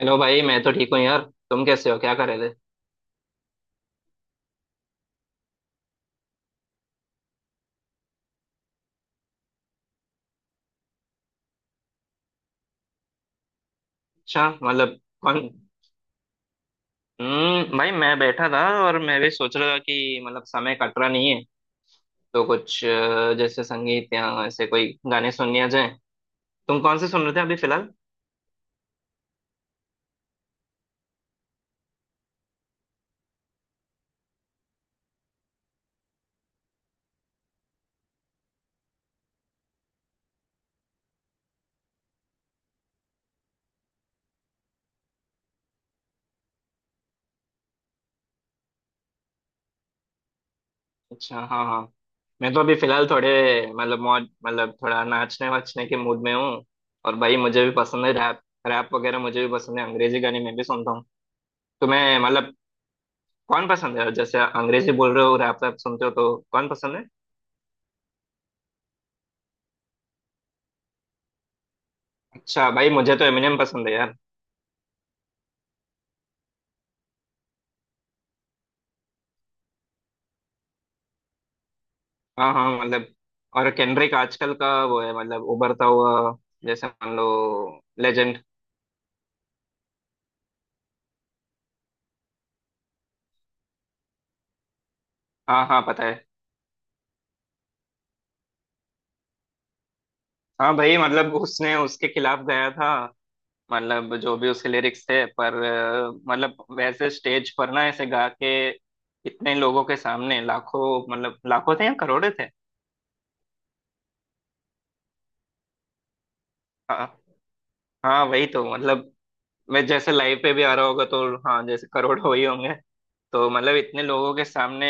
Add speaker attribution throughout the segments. Speaker 1: Hello भाई मैं तो ठीक हूँ यार। तुम कैसे हो? क्या कर रहे थे? अच्छा, मतलब कौन? भाई मैं बैठा था। और मैं भी सोच रहा था कि मतलब समय कट रहा नहीं है। तो कुछ जैसे संगीत या ऐसे कोई गाने सुन लिया जाए। तुम कौन से सुन रहे थे अभी फिलहाल? अच्छा, हाँ हाँ। मैं तो अभी फिलहाल थोड़े, मतलब मौज, मतलब थोड़ा नाचने वाचने के मूड में हूँ। और भाई मुझे भी पसंद है रैप। रैप वगैरह मुझे भी पसंद है, अंग्रेजी गाने मैं भी सुनता हूँ। तुम्हें, मतलब कौन पसंद है? जैसे अंग्रेजी बोल रहे हो, रैप रैप सुनते हो तो कौन पसंद है? अच्छा भाई मुझे तो एमिनेम पसंद है यार। हाँ हाँ, मतलब और केंड्रिक आजकल का वो है, मतलब उभरता हुआ, जैसे मान लो लेजेंड। हाँ हाँ पता है। हाँ भाई, मतलब उसने उसके खिलाफ गया था, मतलब जो भी उसके लिरिक्स थे, पर मतलब वैसे स्टेज पर ना ऐसे गा के इतने लोगों के सामने, लाखों, मतलब लाखों थे या करोड़े थे। हाँ हाँ, वही तो मतलब। मैं जैसे लाइव पे भी आ रहा होगा तो हाँ जैसे करोड़ हो ही होंगे। तो मतलब इतने लोगों के सामने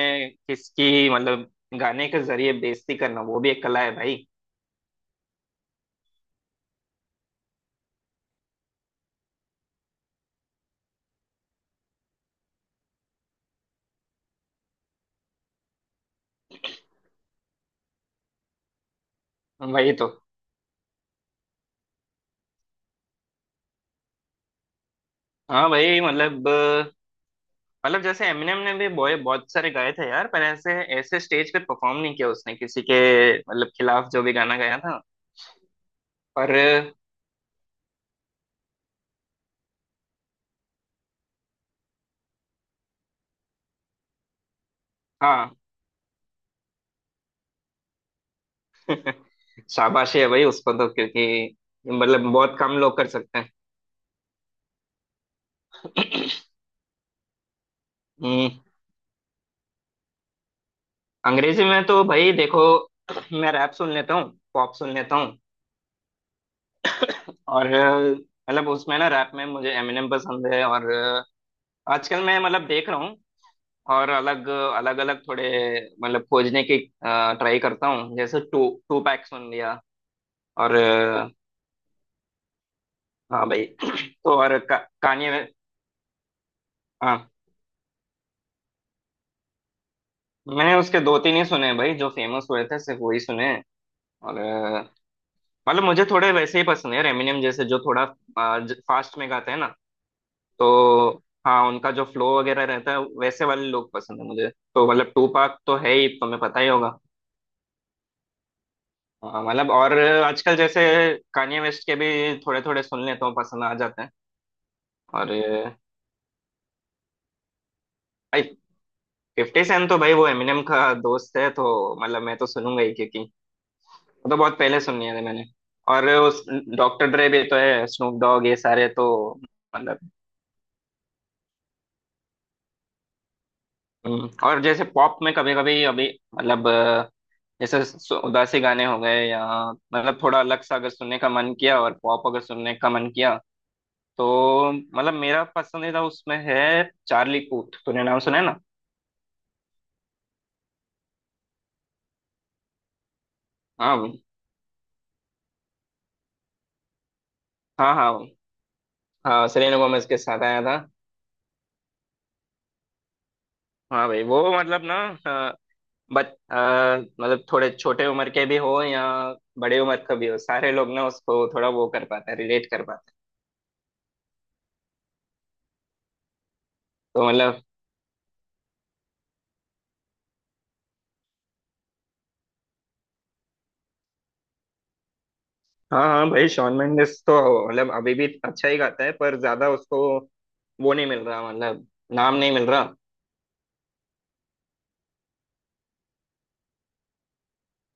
Speaker 1: किसकी, मतलब गाने के जरिए बेइज्जती करना वो भी एक कला है भाई। वही तो। हाँ भाई, मतलब मतलब जैसे एमिनेम ने भी बॉय बहुत सारे गाए थे यार, पर ऐसे ऐसे स्टेज पे परफॉर्म नहीं किया उसने किसी के, मतलब खिलाफ जो भी गाना गाया था, पर हाँ। शाबाशी है भाई उसको तो, क्योंकि मतलब बहुत कम लोग कर सकते हैं। हम्म अंग्रेजी में तो भाई देखो, मैं रैप सुन लेता हूँ, पॉप सुन लेता हूँ और मतलब उसमें ना रैप में मुझे एमिनेम पसंद है और आजकल मैं मतलब देख रहा हूँ और अलग अलग अलग थोड़े, मतलब खोजने की ट्राई करता हूँ। जैसे टू टू पैक सुन लिया और हाँ भाई। तो और कान्ये। हाँ मैंने उसके दो तीन ही सुने भाई, जो फेमस हुए थे सिर्फ वही सुने हैं। और मतलब मुझे थोड़े वैसे ही पसंद है एमिनेम जैसे, जो थोड़ा फास्ट में गाते हैं ना, तो हाँ उनका जो फ्लो वगैरह रहता है वैसे वाले लोग पसंद है मुझे। तो मतलब टू पाक तो है ही, तुम्हें पता ही होगा। हाँ, मतलब और आजकल जैसे कान्ये वेस्ट के भी थोड़े थोड़े सुन लेता हूँ, पसंद आ जाते हैं। और ये भाई फिफ्टी सेंट तो भाई वो एमिनेम का दोस्त है, तो मतलब मैं तो सुनूंगा ही, क्योंकि वो तो बहुत पहले सुन लिए थे मैंने। और उस डॉक्टर ड्रे भी तो है, स्नूप डॉग, ये सारे तो मतलब। और जैसे पॉप में कभी कभी अभी, मतलब जैसे उदासी गाने हो गए या मतलब थोड़ा अलग सा, अगर सुनने का मन किया और पॉप अगर सुनने का मन किया, तो मतलब मेरा पसंदीदा उसमें है चार्ली पूथ। तूने नाम सुना है ना? हाँ भाई। हाँ हाँ भाई। हाँ सेलेना गोमेज के साथ आया था। हाँ भाई वो मतलब ना अ, बच अ, मतलब थोड़े छोटे उम्र के भी हो या बड़े उम्र का भी हो, सारे लोग ना उसको थोड़ा वो कर पाते हैं, रिलेट कर पाते हैं। तो मतलब हाँ हाँ भाई, शॉन मेंडिस तो मतलब अभी भी अच्छा ही गाता है, पर ज्यादा उसको वो नहीं मिल रहा, मतलब नाम नहीं मिल रहा।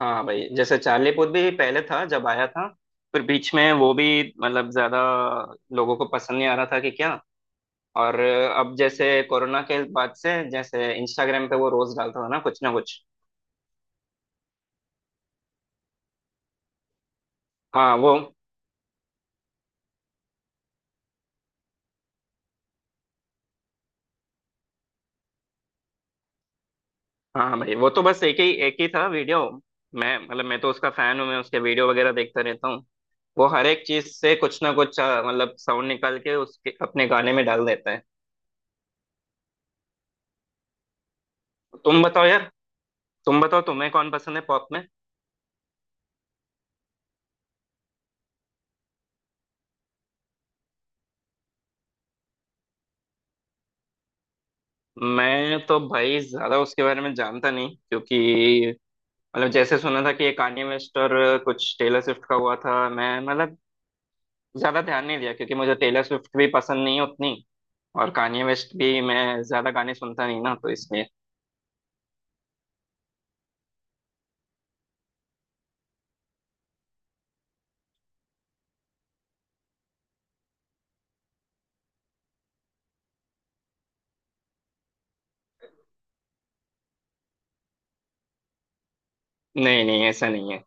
Speaker 1: हाँ हाँ, भाई जैसे चार्ली पुथ भी पहले था जब आया था, फिर बीच में वो भी मतलब ज्यादा लोगों को पसंद नहीं आ रहा था कि क्या, और अब जैसे कोरोना के बाद से जैसे इंस्टाग्राम पे वो रोज डालता था ना कुछ ना कुछ। हाँ वो। हाँ भाई वो तो बस एक ही था वीडियो। मैं मतलब मैं तो उसका फैन हूँ, मैं उसके वीडियो वगैरह देखता रहता हूँ। वो हर एक चीज से कुछ ना कुछ मतलब साउंड निकाल के उसके अपने गाने में डाल देता है। तुम बताओ यार, तुम बताओ तुम्हें कौन पसंद है पॉप में? मैं तो भाई ज्यादा उसके बारे में जानता नहीं, क्योंकि मतलब जैसे सुना था कि ये कान्ये वेस्ट और कुछ टेलर स्विफ्ट का हुआ था, मैं मतलब ज्यादा ध्यान नहीं दिया, क्योंकि मुझे टेलर स्विफ्ट भी पसंद नहीं है उतनी, और कान्ये वेस्ट भी मैं ज्यादा गाने सुनता नहीं ना, तो इसलिए नहीं नहीं ऐसा नहीं है।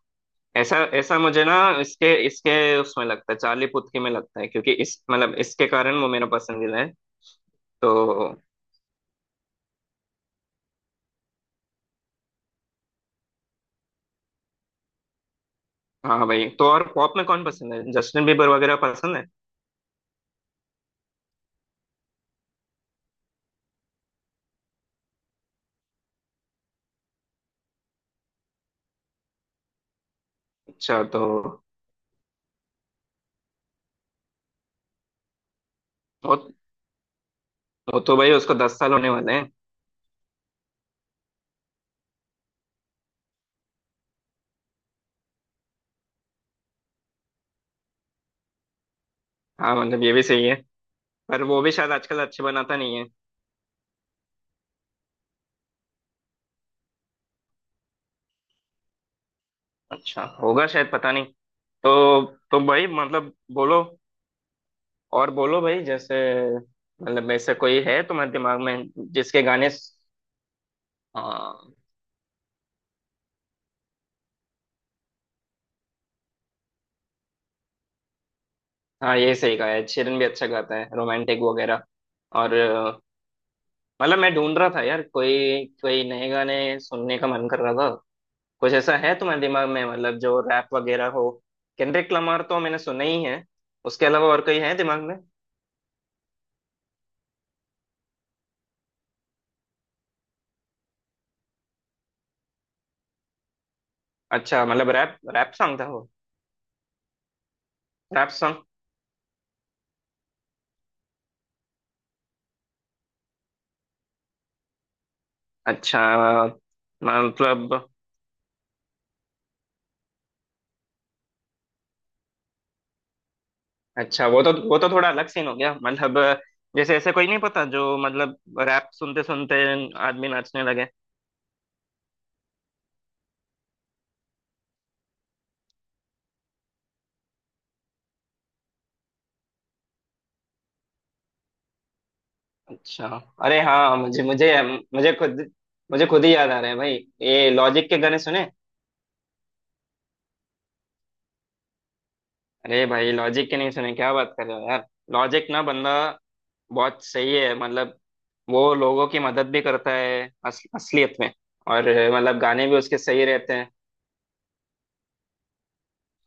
Speaker 1: ऐसा ऐसा मुझे ना इसके इसके उसमें लगता है, चार्ली पुथी में लगता है, क्योंकि इस मतलब इसके कारण वो मेरा पसंदीदा है। तो हाँ भाई, तो और पॉप में कौन पसंद है? जस्टिन बीबर वगैरह पसंद है? अच्छा तो वो, वो तो भाई उसको 10 साल होने वाले हैं। हाँ मतलब ये भी सही है, पर वो भी शायद आजकल अच्छे बनाता नहीं है। अच्छा होगा शायद, पता नहीं। तो तो भाई मतलब बोलो, और बोलो भाई, जैसे मतलब ऐसा कोई है तुम्हारे दिमाग में जिसके गाने? हाँ हाँ, ये सही कहा है, शिरन भी अच्छा गाता है, रोमांटिक वगैरह। और मतलब मैं ढूंढ रहा था यार कोई कोई नए गाने, सुनने का मन कर रहा था। कुछ ऐसा है तुम्हारे दिमाग में मतलब जो रैप वगैरह हो? केंड्रिक लमार तो मैंने सुना ही है, उसके अलावा और कोई है दिमाग में? अच्छा मतलब रैप रैप सॉन्ग था वो? Rap song. अच्छा अ, मतलब अच्छा वो तो थोड़ा अलग सीन हो गया, मतलब जैसे ऐसे कोई नहीं पता जो मतलब रैप सुनते सुनते आदमी नाचने लगे। अच्छा। अरे हाँ मुझे मुझे मुझे खुद मुझे खुद ही याद आ रहा है भाई, ये लॉजिक के गाने सुने? अरे भाई लॉजिक के नहीं सुने? क्या बात कर रहे हो यार। लॉजिक ना बंदा बहुत सही है, मतलब वो लोगों की मदद भी करता है असलियत में। और मतलब गाने भी उसके सही रहते हैं।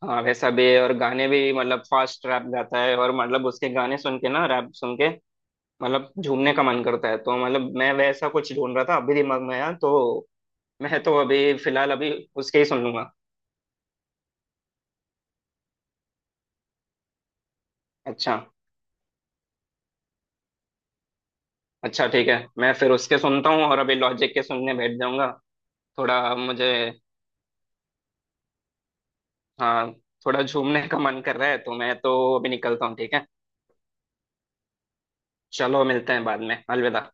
Speaker 1: हाँ वैसा भी है, और गाने भी मतलब फास्ट रैप गाता है, और मतलब उसके गाने सुन के ना रैप सुन के मतलब झूमने का मन करता है। तो मतलब मैं वैसा कुछ ढूंढ रहा था अभी दिमाग में यार, तो मैं तो अभी फिलहाल अभी उसके ही सुन लूंगा। अच्छा अच्छा ठीक है, मैं फिर उसके सुनता हूँ और अभी लॉजिक के सुनने बैठ जाऊंगा। थोड़ा मुझे, हाँ थोड़ा झूमने का मन कर रहा है, तो मैं तो अभी निकलता हूँ, ठीक है। चलो मिलते हैं बाद में, अलविदा।